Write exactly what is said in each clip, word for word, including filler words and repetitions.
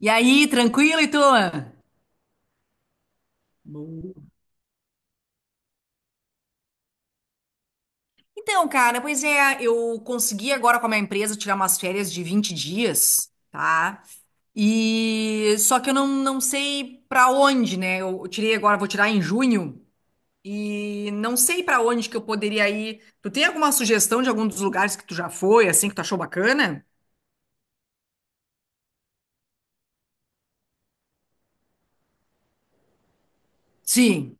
E aí, tranquilo, e tu? Bom. Então, cara, pois é, eu consegui agora com a minha empresa tirar umas férias de vinte dias, tá? E só que eu não, não sei pra onde, né? Eu tirei agora, vou tirar em junho e não sei pra onde que eu poderia ir. Tu tem alguma sugestão de algum dos lugares que tu já foi, assim, que tu achou bacana? Sim.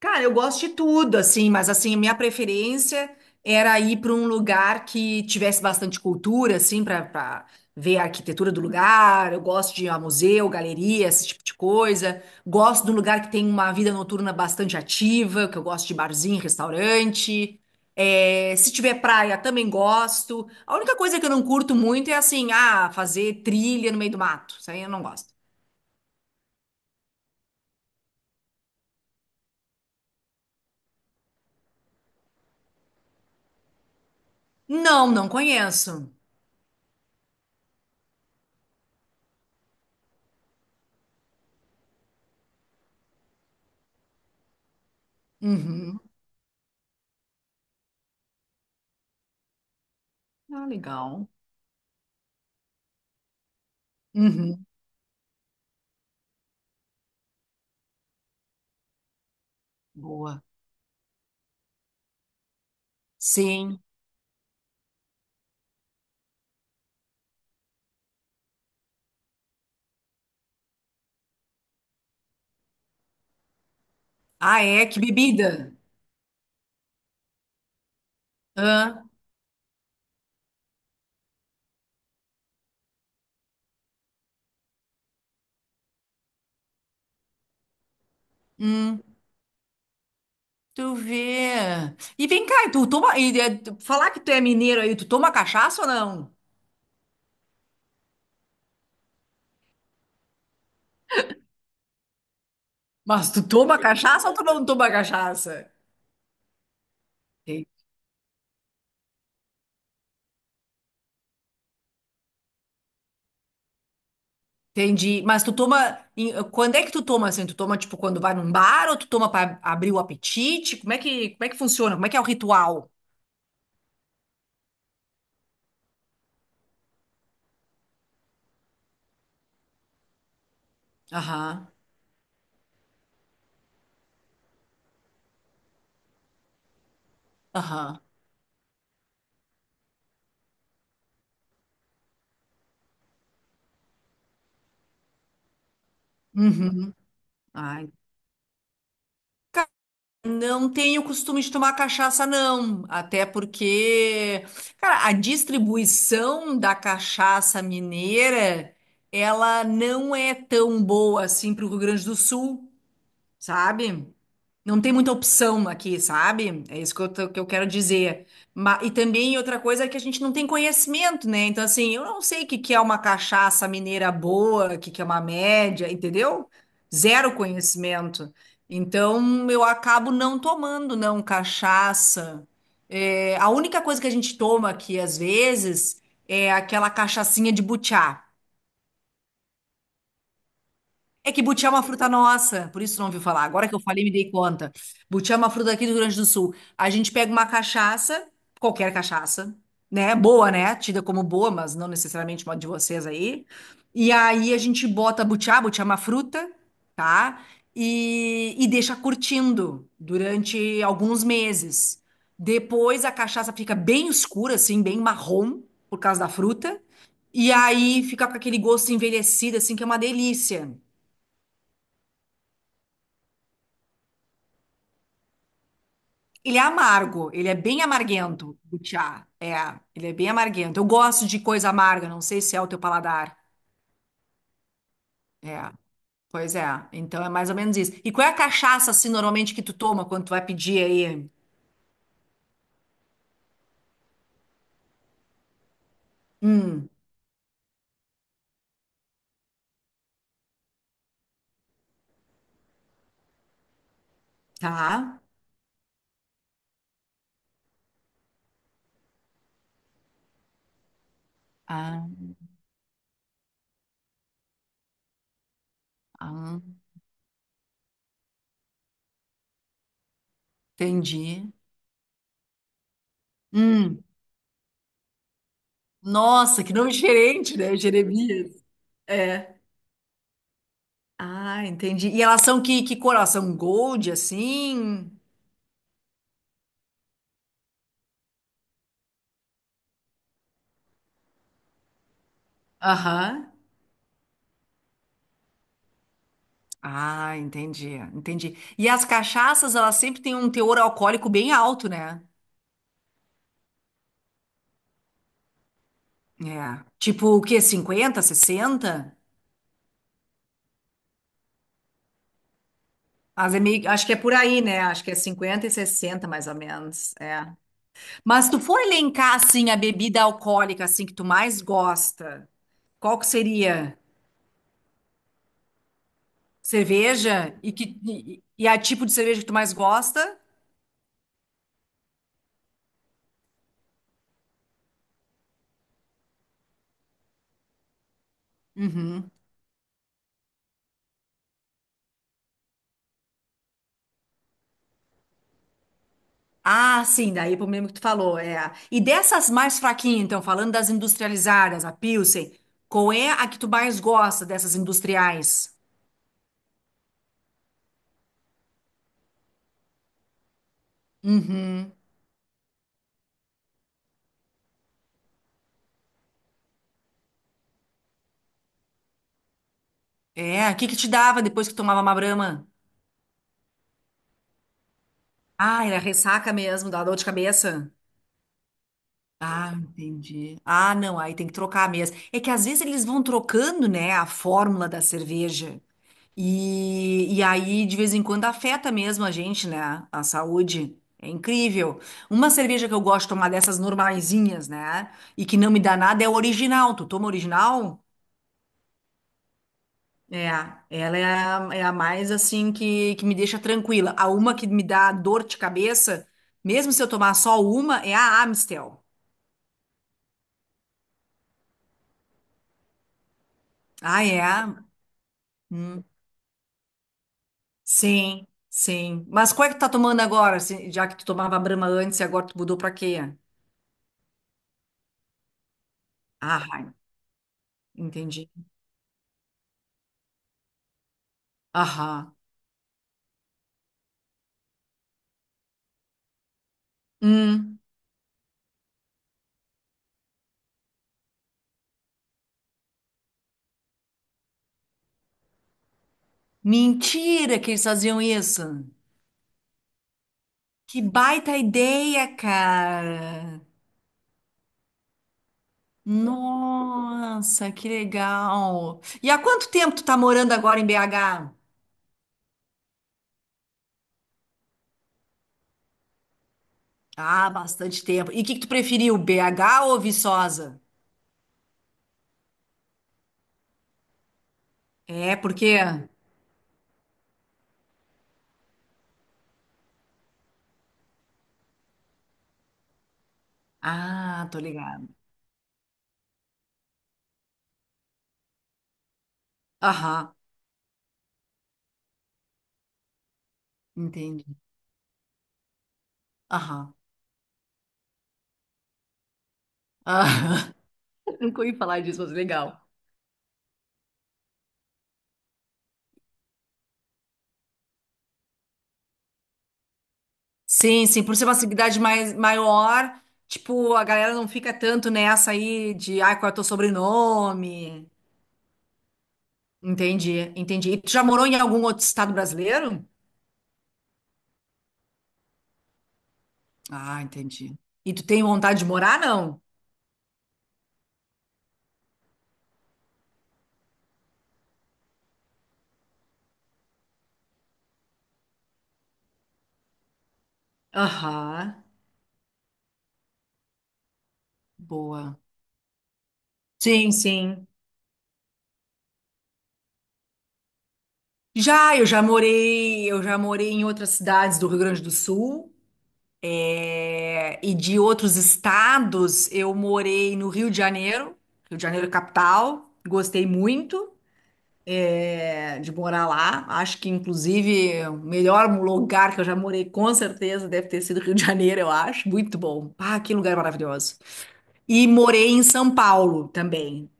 Cara, eu gosto de tudo, assim, mas assim, a minha preferência era ir para um lugar que tivesse bastante cultura, assim, para ver a arquitetura do lugar. Eu gosto de ir a museu, galeria, esse tipo de coisa. Gosto de um lugar que tem uma vida noturna bastante ativa, que eu gosto de barzinho, restaurante. É, se tiver praia, também gosto. A única coisa que eu não curto muito é assim, ah, fazer trilha no meio do mato. Isso aí eu não gosto. Não, não conheço. Uhum. Ah, legal. Uhum. Boa. Sim. Ah, é? Que bebida? Hã? Hum, tu vê. E vem cá, tu toma. E, é, tu- falar que tu é mineiro aí, tu toma cachaça ou não? Mas tu toma cachaça ou tu não toma cachaça? En- Entendi. Mas tu toma. em- Quando é que tu toma assim? Tu toma, tipo, quando vai num bar ou tu toma pra abrir o apetite? Como é que, como é que funciona? Como é que é o ritual? Aham. Aham. Uhum. Ah, não tenho costume de tomar cachaça, não. Até porque, cara, a distribuição da cachaça mineira, ela não é tão boa assim para o Rio Grande do Sul, sabe? Não tem muita opção aqui, sabe? É isso que eu, tô- que eu quero dizer. Ma- e também outra coisa é que a gente não tem conhecimento, né? Então, assim, eu não sei o que, que é uma cachaça mineira boa, o que, que é uma média, entendeu? Zero conhecimento. Então, eu acabo não tomando, não, cachaça. É, a única coisa que a gente toma aqui, às vezes, é aquela cachaçinha de butiá. É que butiá é uma fruta nossa, por isso não ouviu falar. Agora que eu falei, me dei conta. Butiá é uma fruta aqui do Rio Grande do Sul. A gente pega uma cachaça, qualquer cachaça, né? Boa, né? Tida como boa, mas não necessariamente uma de vocês aí. E aí a gente bota butiá, butiá é uma fruta, tá? E, e deixa curtindo durante alguns meses. Depois a cachaça fica bem escura, assim, bem marrom, por causa da fruta. E aí fica com aquele gosto envelhecido, assim, que é uma delícia. Ele é amargo, ele é bem amarguento, o chá. É, ele é bem amarguento. Eu gosto de coisa amarga, não sei se é o teu paladar. É, pois é. Então é mais ou menos isso. E qual é a cachaça, assim, normalmente que tu toma quando tu vai pedir aí? Hum, tá. Ah, ah, entendi. Hum, nossa, que nome diferente, né? Jeremias. É. Ah, entendi. E elas são que, que cor? Elas são gold, assim? Aham. Ah, entendi, entendi. E as cachaças, elas sempre têm um teor alcoólico bem alto, né? É. Tipo o quê? Cinquenta, sessenta? As é meio- Acho que é por aí, né? Acho que é cinquenta e sessenta mais ou menos. É. Mas se tu for elencar, assim, a bebida alcoólica, assim, que tu mais gosta, qual que seria? Cerveja? E, que... e e a tipo de cerveja que tu mais gosta? Uhum. Ah, sim, daí é pro mesmo que tu falou. É. a- E dessas mais fraquinhas, então, falando das industrializadas, a Pilsen, qual é a que tu mais gosta dessas industriais? Uhum. É, o que que te dava depois que tomava uma Brahma? Ah, era ressaca mesmo, dava dor de cabeça. Ah, entendi. Ah, não, aí tem que trocar mesmo. É que às vezes eles vão trocando, né, a fórmula da cerveja. E, e aí, de vez em quando, afeta mesmo a gente, né? A saúde. É incrível. Uma cerveja que eu gosto de tomar dessas normaisinhas, né? E que não me dá nada é o original. Tu toma original? É, ela é a, é a mais assim que, que me deixa tranquila. A uma que me dá dor de cabeça, mesmo se eu tomar só uma, é a Amstel. Ah, é? Hum, Sim, sim. Mas qual é que tu tá tomando agora? se- Já que tu tomava Brahma antes e agora tu mudou pra quê? Ah, Heineken. Entendi. Aham. Hum. Mentira que eles faziam isso. Que baita ideia, cara. Nossa, que legal. E há quanto tempo tu tá morando agora em B H? Ah, bastante tempo. E o que que tu preferiu, B H ou Viçosa? É, por quê? Ah, tô ligado. Aham, entendi. Aham. Aham. Nunca ouvi falar disso, mas legal. Sim, sim, por ser uma cidade mais, maior, tipo, a galera não fica tanto nessa aí de, ai, qual é o teu sobrenome? Entendi, entendi. E tu já morou em algum outro estado brasileiro? Ah, entendi. E tu tem vontade de morar, não? Aham, boa. Sim, sim. Já, eu já morei, eu já morei em outras cidades do Rio Grande do Sul, é, e de outros estados, eu morei no Rio de Janeiro, Rio de Janeiro capital, gostei muito de morar lá. Acho que, inclusive, o melhor lugar que eu já morei, com certeza, deve ter sido Rio de Janeiro, eu acho. Muito bom. Ah, que lugar maravilhoso. E morei em São Paulo também.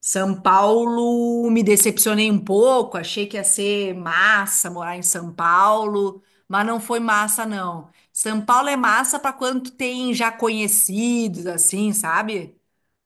São Paulo, me decepcionei um pouco, achei que ia ser massa morar em São Paulo, mas não foi massa, não. São Paulo é massa para quando tu tem já conhecidos, assim, sabe?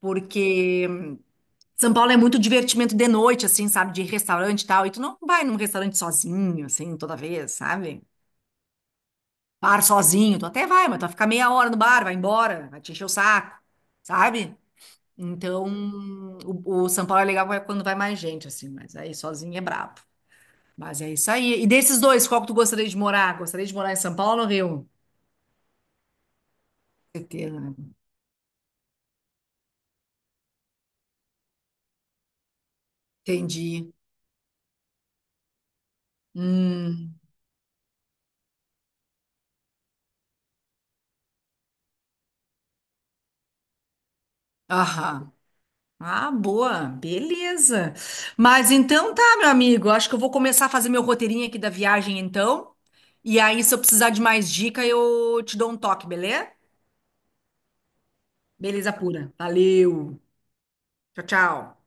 Porque são Paulo é muito divertimento de noite, assim, sabe? De restaurante e tal. E tu não vai num restaurante sozinho, assim, toda vez, sabe? Bar sozinho, tu até vai, mas tu vai ficar meia hora no bar, vai embora, vai te encher o saco, sabe? Então, o, o São Paulo é legal é quando vai mais gente, assim, mas aí sozinho é brabo. Mas é isso aí. E desses dois, qual que tu gostaria de morar? Gostaria de morar em São Paulo ou no Rio? Certeza, né? Entendi. Hum, aham. Ah, boa, beleza. Mas então tá, meu amigo. Acho que eu vou começar a fazer meu roteirinho aqui da viagem, então. E aí, se eu precisar de mais dica, eu te dou um toque, beleza? Beleza pura. Valeu. Tchau, tchau.